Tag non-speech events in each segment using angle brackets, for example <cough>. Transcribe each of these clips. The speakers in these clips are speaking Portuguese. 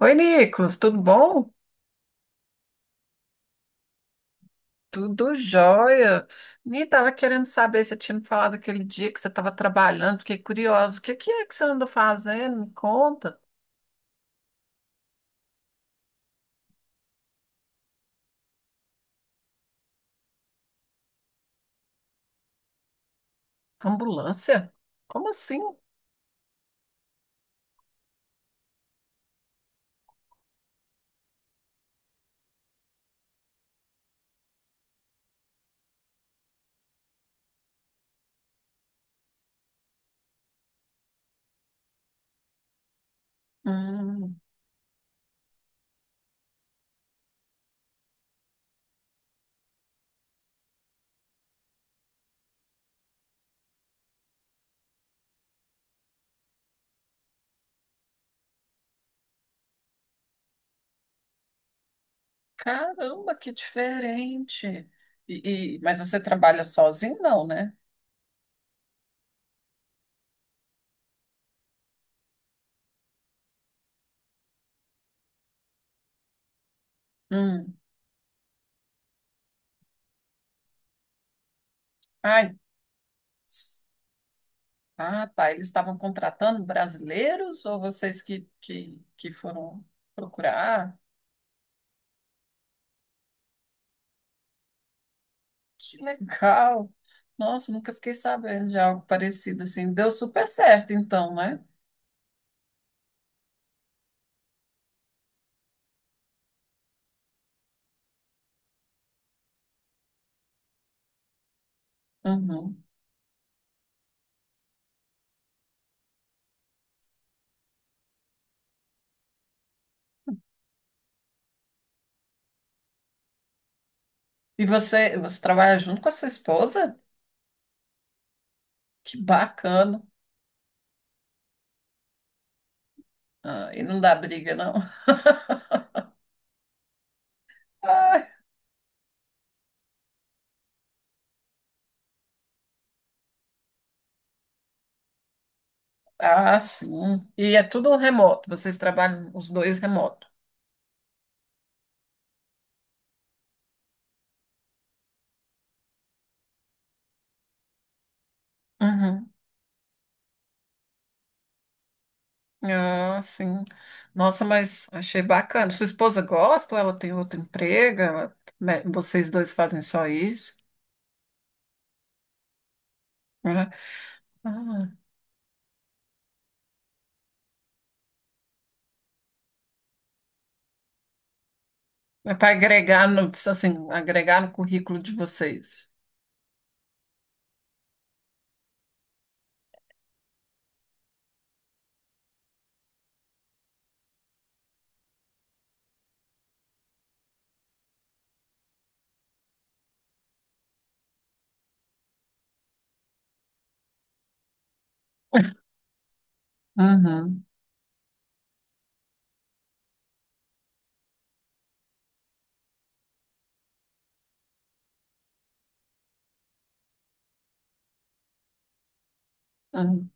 Oi, Nicolas, tudo bom? Tudo jóia. Nem tava querendo saber se você tinha me falado aquele dia que você estava trabalhando, fiquei curiosa. O que que é que você anda fazendo? Me conta. Ambulância? Como assim? Hum, caramba, que diferente. Mas você trabalha sozinho, não, né? Hum, ai, ah, tá. Eles estavam contratando brasileiros ou vocês que foram procurar? Que legal! Nossa, nunca fiquei sabendo de algo parecido assim. Deu super certo, então, né? Uhum. E você, você trabalha junto com a sua esposa? Que bacana! Ah, e não dá briga, não. <laughs> Ah, ah, sim. E é tudo remoto. Vocês trabalham os dois remoto. Uhum. Ah, sim. Nossa, mas achei bacana. Sua esposa gosta ou ela tem outro emprego? Ela- me- Vocês dois fazem só isso? Uhum. Ah, é para agregar no, assim, agregar no currículo de vocês. Uhum. Uhum.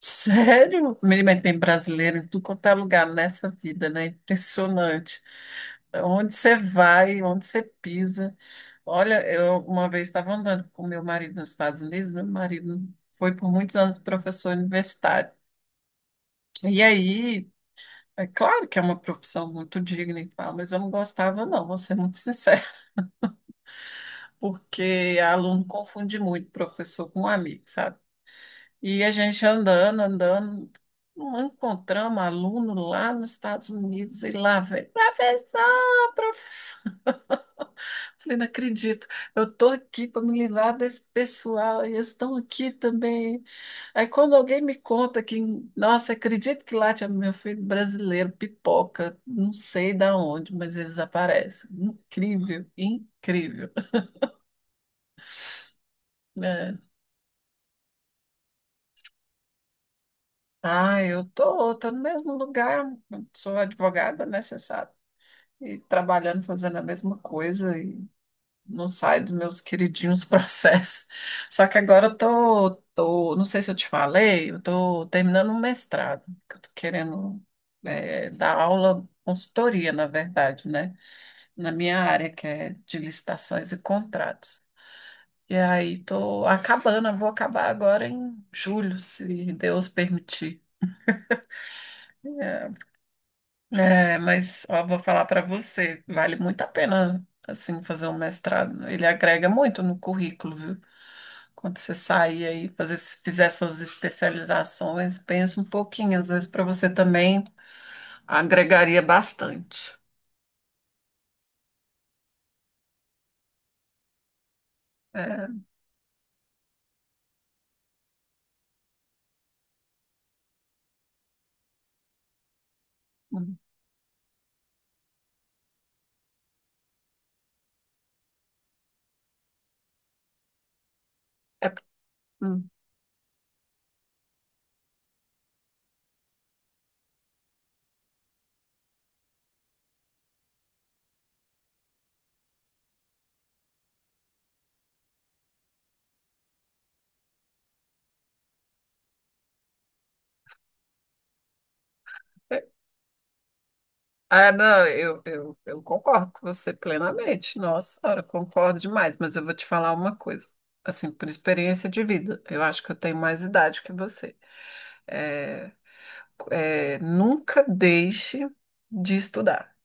Sério? Mas tem brasileiro em tudo quanto é lugar nessa vida, né? Impressionante. Onde você vai, onde você pisa. Olha, eu uma vez estava andando com meu marido nos Estados Unidos, meu marido foi por muitos anos professor universitário. E aí, é claro que é uma profissão muito digna e tal, mas eu não gostava, não, vou ser muito sincera. Porque aluno confunde muito professor com amigo, sabe? E a gente andando, não encontramos aluno lá nos Estados Unidos e lá vem, professor, professor. <laughs> Falei, não acredito, eu tô aqui para me livrar desse pessoal e eles estão aqui também. Aí quando alguém me conta que, nossa, acredito que lá tinha meu filho brasileiro, pipoca, não sei da onde, mas eles aparecem. Incrível, incrível. É. Ah, eu tô no mesmo lugar, sou advogada, né, você sabe, e trabalhando, fazendo a mesma coisa e não saio dos meus queridinhos <laughs> processos. Só que agora eu tô, não sei se eu te falei, eu tô terminando um mestrado, que eu tô querendo dar aula, consultoria, na verdade, né, na minha área, que é de licitações e contratos. E aí tô acabando, eu vou acabar agora em julho, se Deus permitir. É, mas ó, vou falar para você, vale muito a pena assim fazer um mestrado. Ele agrega muito no currículo, viu? Quando você sair aí, fizer suas especializações, pensa um pouquinho, às vezes para você também agregaria bastante. É, hum, é, hum. É, ah, não, eu concordo com você plenamente. Nossa, senhora, concordo demais, mas eu vou te falar uma coisa, assim, por experiência de vida. Eu acho que eu tenho mais idade que você. É, é, nunca deixe de estudar.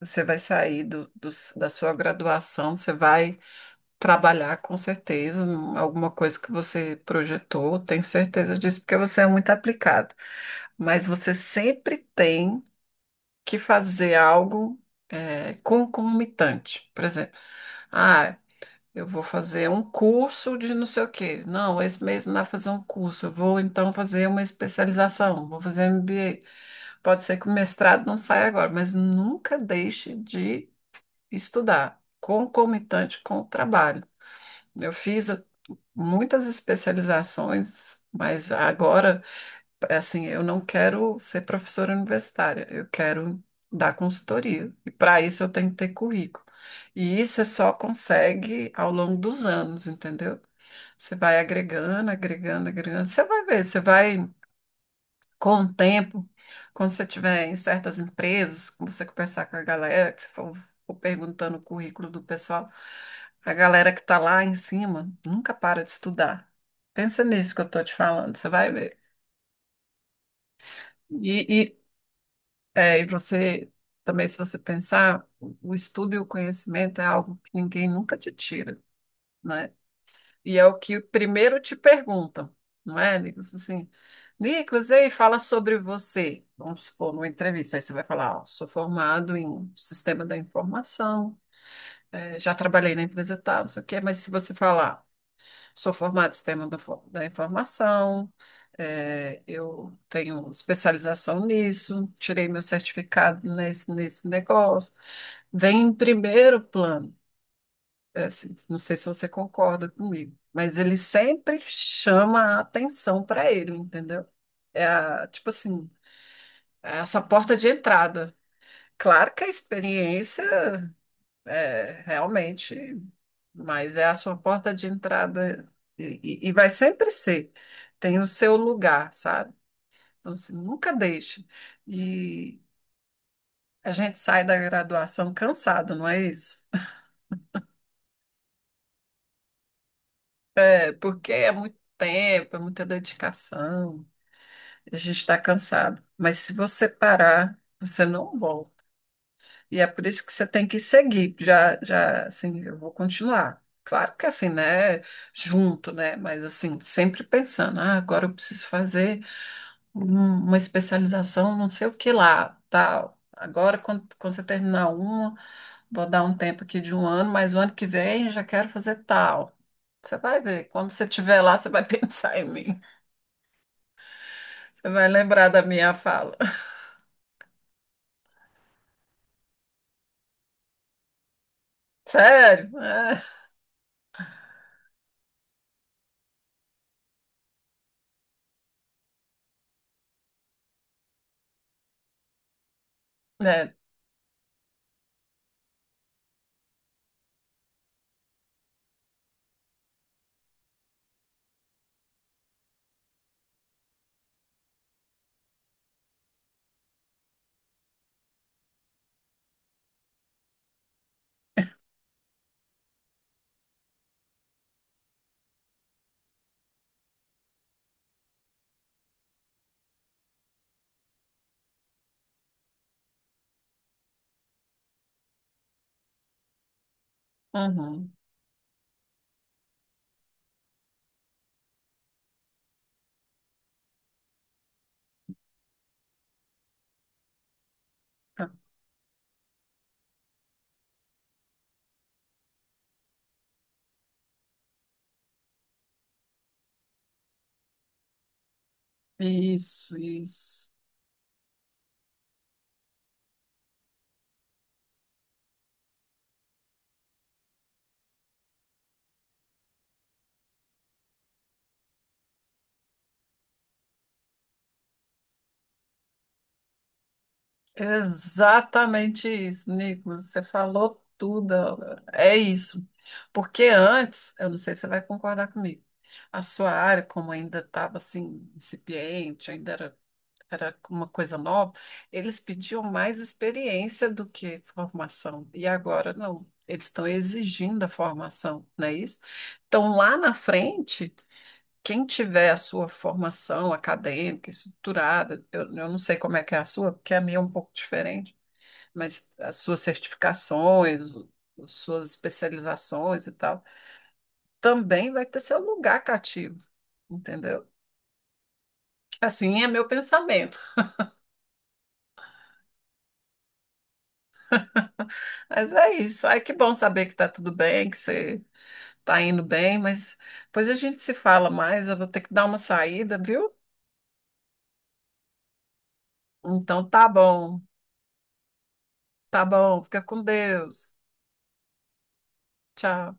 Você vai sair do, do- da sua graduação, você vai trabalhar com certeza em alguma coisa que você projetou, tenho certeza disso, porque você é muito aplicado. Mas você sempre tem que fazer algo concomitante. Por exemplo, ah, eu vou fazer um curso de não sei o quê. Não, esse mês não dá pra fazer um curso. Eu vou então fazer uma especialização, vou fazer um MBA. Pode ser que o mestrado não saia agora, mas nunca deixe de estudar, concomitante com o trabalho. Eu fiz muitas especializações, mas agora. Assim, eu não quero ser professora universitária, eu quero dar consultoria. E para isso eu tenho que ter currículo. E isso você só consegue ao longo dos anos, entendeu? Você vai agregando. Você vai ver, você vai, com o tempo, quando você tiver em certas empresas, quando você conversar com a galera, que você for perguntando o currículo do pessoal, a galera que está lá em cima nunca para de estudar. Pensa nisso que eu estou te falando, você vai ver. E, é, e você também, se você pensar, o estudo e o conhecimento é algo que ninguém nunca te tira, né? E é o que primeiro te perguntam, não é, Nicolas? Assim, Nicolas, ei, fala sobre você. Vamos supor, numa entrevista, aí você vai falar, ó, sou formado em sistema da informação, já trabalhei na empresa tal, não sei o quê, mas se você falar sou formada em sistema da informação, eu tenho especialização nisso, tirei meu certificado nesse negócio. Vem em primeiro plano, assim, não sei se você concorda comigo, mas ele sempre chama a atenção para ele, entendeu? É a, tipo assim, é essa porta de entrada. Claro que a experiência. É, realmente, mas é a sua porta de entrada e e vai sempre ser. Tem o seu lugar, sabe? Então, assim, nunca deixe. E a gente sai da graduação cansado, não é isso? É porque é muito tempo, é muita dedicação, a gente está cansado. Mas se você parar, você não volta. E é por isso que você tem que seguir. Já, já, assim, eu vou continuar. Claro que assim, né? Junto, né? Mas assim, sempre pensando, ah, agora eu preciso fazer um- uma especialização, não sei o que lá, tal. Agora, quando você terminar uma, vou dar um tempo aqui de um ano, mas o ano que vem já quero fazer tal. Você vai ver, quando você estiver lá, você vai <laughs> pensar em mim. Você vai lembrar da minha fala. Sério? É, né? Uhum. Isso, isso. Exatamente isso, Nicolas. Você falou tudo. Agora. É isso. Porque antes, eu não sei se você vai concordar comigo, a sua área, como ainda estava assim, incipiente, ainda era, era uma coisa nova, eles pediam mais experiência do que formação. E agora não. Eles estão exigindo a formação, não é isso? Então, lá na frente. Quem tiver a sua formação acadêmica, estruturada, eu não sei como é que é a sua, porque a minha é um pouco diferente, mas as suas certificações, o- as suas especializações e tal, também vai ter seu lugar cativo, entendeu? Assim é meu pensamento. Mas é isso. Ai, que bom saber que tá tudo bem, que você tá indo bem, mas depois a gente se fala mais. Eu vou ter que dar uma saída, viu? Então tá bom, tá bom. Fica com Deus. Tchau.